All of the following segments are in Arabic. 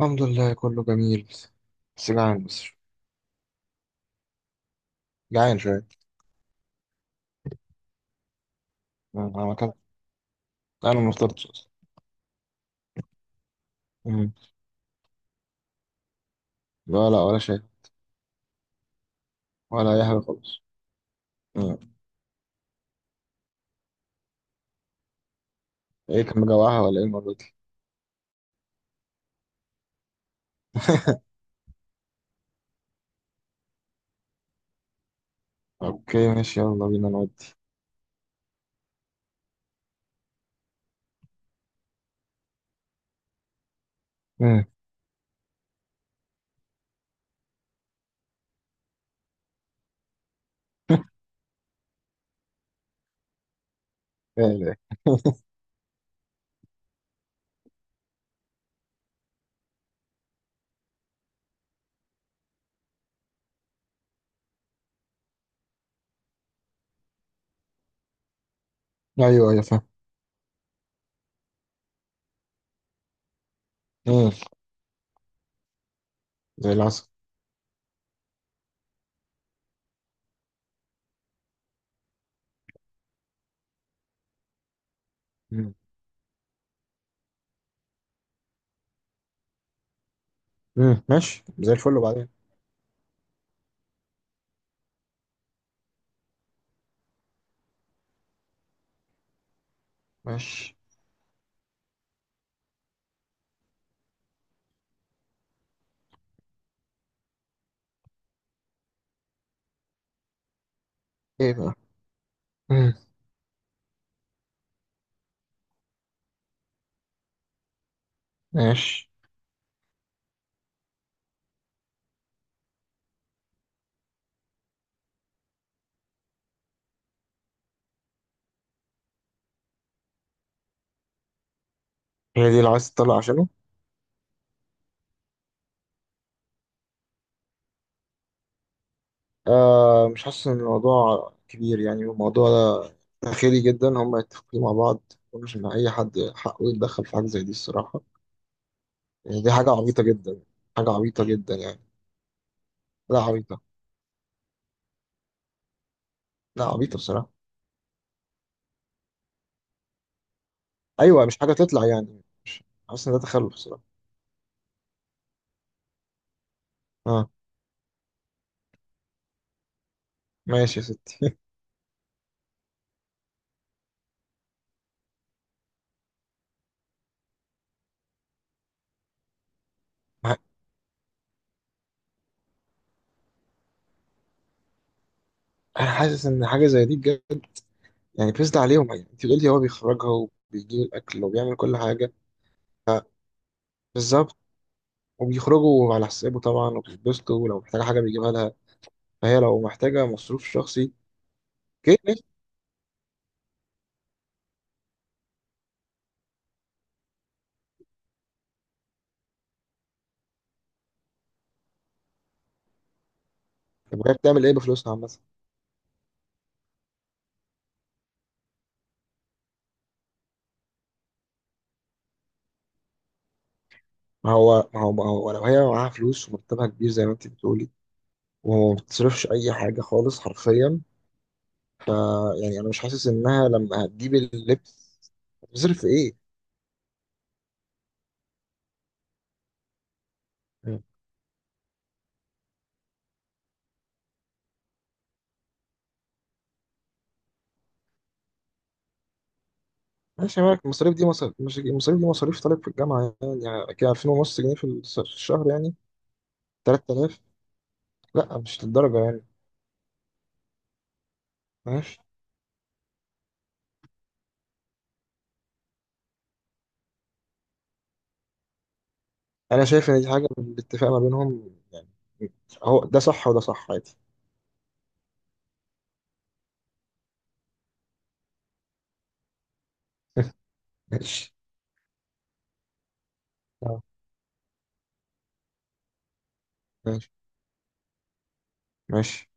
الحمد لله، كله جميل، بس جعان، بس جعان شوية. أمم، أنا ما كنت أنا ما فطرتش أصلا. أمم، لا، لا، ولا شيء. ولا أي حاجة خالص. أمم، إيه كان مجوعها ولا إيه المرة دي؟ أوكي، ماشي، يلا بينا نودي. أمم، لا، لا. أيوه، أيوه، فاهم. أمم، زي العسل. أمم، ماشي، زي الفل، وبعدين؟ ماشي، إيه بقى؟ أمم، ماشي. هي دي اللي عايز تطلع عشانه. آه، مش حاسس ان الموضوع كبير، يعني الموضوع ده داخلي جدا، هم يتفقوا مع بعض. مش ان اي حد حقه يتدخل في حاجه زي دي الصراحه. يعني دي حاجه عبيطه جدا، حاجه عبيطه جدا يعني. لا، عبيطه. لا، عبيطه بصراحه. ايوه، مش حاجه تطلع، يعني مش حاسس ان ده تخلف بصراحه. اه، ماشي يا ستي. انا حاسس ان حاجه زي دي بجد، يعني بيسد عليهم، يعني انت بتقولي هو بيخرجها وبيجيب الاكل وبيعمل كل حاجه. بالظبط، وبيخرجوا على حسابه طبعا وبيتبسطوا، ولو محتاجه حاجه بيجيبها لها، فهي لو محتاجة مصروف شخصي. كده ماشي. طب هي بتعمل ايه بفلوسها عامة؟ ما هو لو هي معاها فلوس ومرتبها كبير زي ما انت بتقولي، وما بتصرفش اي حاجة خالص حرفيا. يعني انا مش حاسس انها لما هتجيب اللبس، هتصرف في ايه؟ مم. ماشي يا مالك، المصاريف دي مصاريف، مش المصاريف دي مصاريف طالب في الجامعة، يعني كده 2000 ونص جنيه في في الشهر يعني. 3000. لا، مش للدرجة يعني. ماشي. انا شايف ان دي حاجة بالاتفاق ما بينهم، يعني هو ده صح وده صح عادي. ماشي، ماشي، ماشي.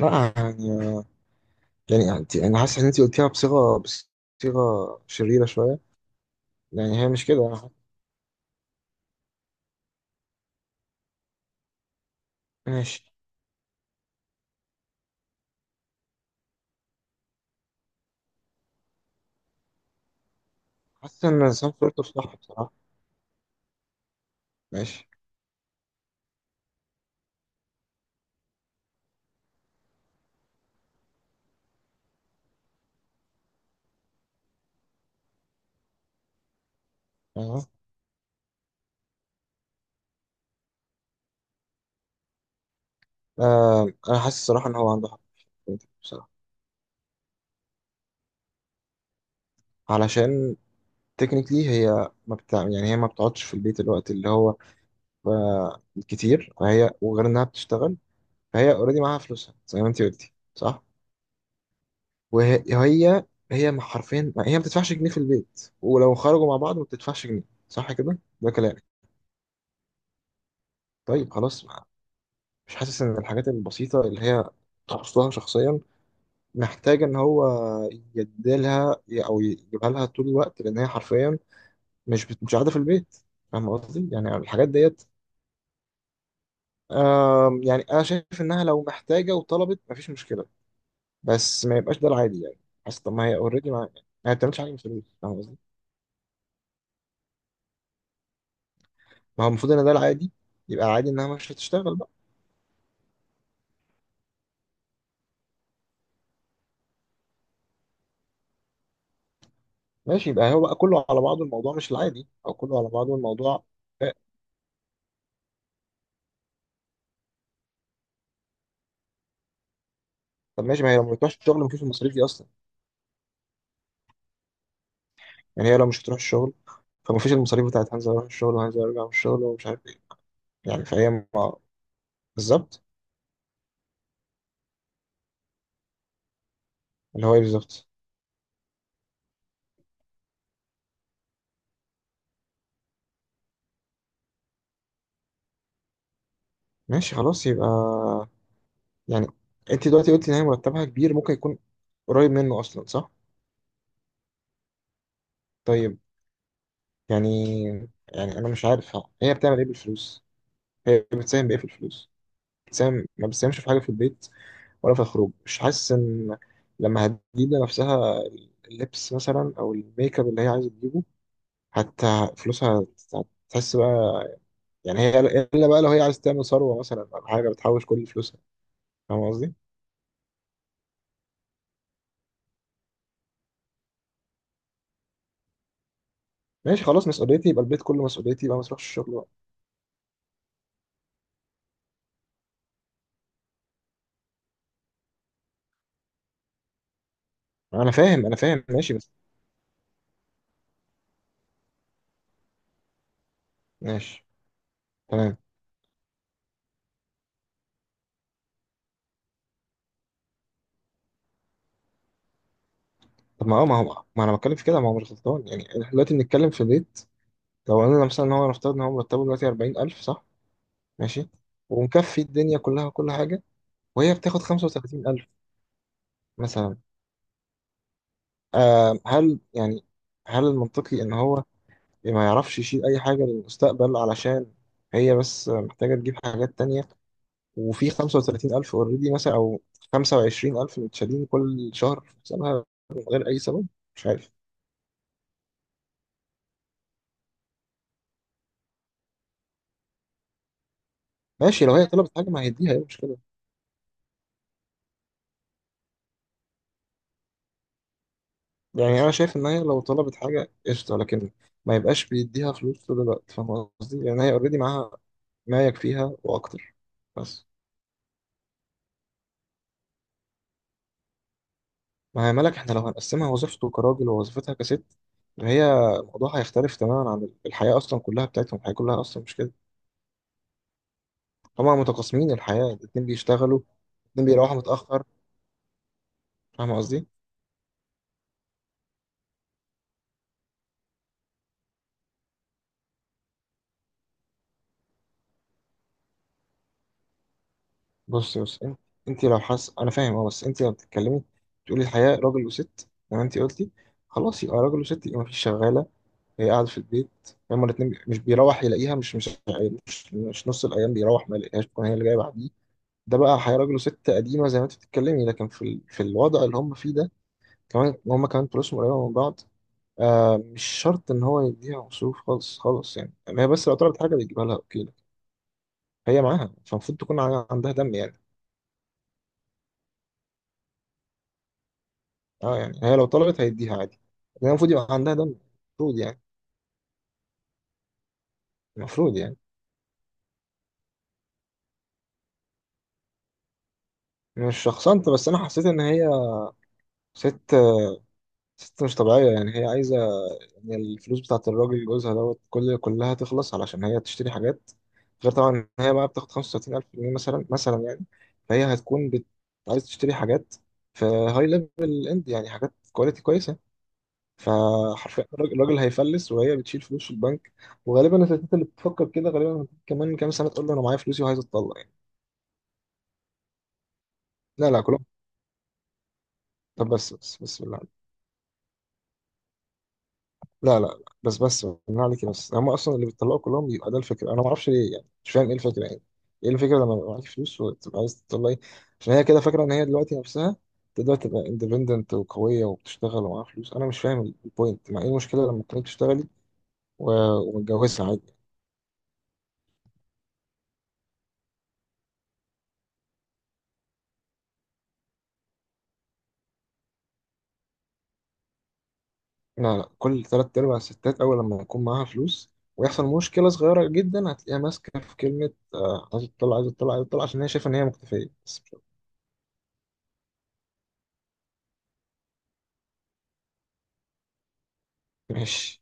لا، يعني انا حاسس ان انت قلتيها بصيغه شريره شويه. يعني هي مش كده، انا حاسس. ماشي. حاسس ان سام سورتو صح بصراحه. ماشي. أيوة. آه، انا حاسس الصراحه ان هو عنده حق، بصراحه. علشان تكنيكلي هي ما بتاع يعني هي ما بتقعدش في البيت الوقت اللي هو آه، كتير، فهي وغير انها بتشتغل. فهي اوريدي معاها فلوسها زي ما انت قلتي، صح؟ وهي هي هي حرفيا هي ما بتدفعش جنيه في البيت، ولو خرجوا مع بعض ما بتدفعش جنيه. صح كده، ده كلامك؟ طيب، خلاص، ما. مش حاسس ان الحاجات البسيطة اللي هي تخصها شخصيا محتاجة ان هو يديلها او يجيبها لها طول الوقت، لان هي حرفيا مش قاعدة في البيت، فاهم قصدي؟ يعني الحاجات ديت. يعني انا شايف انها لو محتاجة وطلبت مفيش مشكلة. بس ما يبقاش ده العادي يعني. حاسس، طب ما هي اوريدي، ما. ما بتعملش حاجة في البيت، فاهم قصدي؟ ما هو المفروض ان ده العادي، يبقى العادي انها مش هتشتغل بقى. ماشي، يبقى هو بقى كله على بعضه الموضوع، مش العادي او كله على بعضه الموضوع. آه. طب ماشي، ما هي لو ما بتروحش الشغل مفيش المصاريف دي اصلا. يعني هي لو مش هتروح الشغل، فمفيش المصاريف بتاعت هنزل اروح الشغل وهنزل ارجع من الشغل ومش عارف ايه. يعني فهي، ما. بالظبط. اللي هو ايه بالظبط؟ ماشي خلاص، يبقى. يعني انت دلوقتي قلت ان هي مرتبها كبير، ممكن يكون قريب منه اصلا، صح؟ طيب. يعني. يعني انا مش عارف، هي بتعمل ايه بالفلوس؟ هي بتساهم بايه في الفلوس؟ بتساهم، ما بتساهمش في حاجه في البيت. ولا في الخروج، مش حاسس ان لما هتجيب لنفسها اللبس مثلا او الميك اب اللي هي عايزه تجيبه، حتى فلوسها هتحس بقى. يعني هي الا بقى لو هي عايز تعمل ثروه مثلا، او حاجه بتحوش كل فلوسها. فاهم قصدي؟ ماشي خلاص، مسؤوليتي، يبقى البيت كله مسؤوليتي، يبقى ما تروحش الشغل بقى. انا فاهم، انا فاهم، ماشي بس. ماشي، تمام. طب ما هو ما انا بتكلم في كده، ما هو مش غلطان، يعني احنا دلوقتي بنتكلم في بيت. لو قلنا مثلا ان هو نفترض ان هو مرتبه دلوقتي 40000، صح؟ ماشي. ومكفي الدنيا كلها وكل حاجه. وهي بتاخد 35000 مثلا. آه، هل يعني، هل المنطقي ان هو ما يعرفش يشيل اي حاجه للمستقبل، علشان هي بس محتاجه تجيب حاجات تانية، وفي 35000 اوريدي مثلا او 25000 متشالين كل شهر في حسابها، من غير اي سبب؟ مش عارف. ماشي، لو هي طلبت حاجه ما هيديها، ايه المشكله؟ يعني انا شايف ان هي لو طلبت حاجه قشطه، لكن ما يبقاش بيديها فلوس طول الوقت، فاهم قصدي؟ لان هي اوريدي معاها ما يكفيها واكتر، بس. ما هي ملك، احنا لو هنقسمها وظيفته كراجل ووظيفتها كست. هي، الموضوع هيختلف تماما عن الحياة أصلا كلها بتاعتهم، الحياة كلها أصلا مش كده. هما متقاسمين الحياة، الاتنين بيشتغلوا. الاتنين بيروحوا متأخر. فاهم قصدي؟ بص، بص، انت. انت لو حاسة، أنا فاهم، أه بس انت لو بتتكلمي تقولي الحياة راجل وست زي ما انت قلتي. خلاص، يبقى راجل وست، يبقى مفيش شغالة. هي قاعدة في البيت. هما الاتنين مش بيروح يلاقيها، مش نص الأيام بيروح ما يلاقيهاش، تكون هي اللي جاية بعديه. ده بقى هيراجلوا ست قديمة زي ما انت بتتكلمي، لكن في الوضع اللي هم فيه ده. كمان هم كمان فلوسهم قريبة من بعض. آه، مش شرط ان هو يديها مصروف خالص خالص، يعني ما هي بس لو طلبت حاجة بيجيبها لها اوكي، لكن. هي معاها، فالمفروض تكون عندها دم يعني. اه، يعني هي لو طلبت هيديها عادي. لكن المفروض يبقى عندها دم. المفروض يعني. المفروض يعني. مش شخصنت، بس انا حسيت ان هي ست ست مش طبيعية، يعني هي عايزة. يعني الفلوس بتاعت الراجل جوزها دوت كلها تخلص علشان هي تشتري حاجات. غير طبعا إن هي بقى بتاخد 35000 جنيه مثلا يعني. فهي هتكون بت. عايز تشتري حاجات. في هاي ليفل اند، يعني حاجات كواليتي كويسه. فحرفيا الراجل هيفلس، وهي بتشيل فلوس في البنك. وغالبا الستات اللي بتفكر كده غالبا كمان كام سنه تقول له انا معايا فلوسي وعايز اتطلق يعني. لا، لا، كلهم. طب، بس بس بس بالله. لا، لا، لا، بس بس بالله عليك، بس هم اصلا اللي بيطلعوا كلهم بيبقى ده الفكره، انا ما اعرفش ليه يعني، مش فاهم ايه الفكره يعني. ايه الفكره لما يبقى معاك فلوس وتبقى عايز تطلعي؟ عشان هي كده فاكره ان هي دلوقتي نفسها تقدر تبقى اندبندنت وقويه وبتشتغل ومعاها فلوس، انا مش فاهم البوينت، مع ايه المشكله لما تكوني بتشتغلي و- ومتجوزه عادي. لا، لا، كل تلات ارباع الستات اول لما يكون معاها فلوس. ويحصل مشكله صغيره جدا هتلاقيها ماسكه في كلمه آه، عايزه تطلع، عايزه تطلع، عايزه تطلع، عشان هي شايفه ان هي مكتفيه بس مش أكتر. ماشي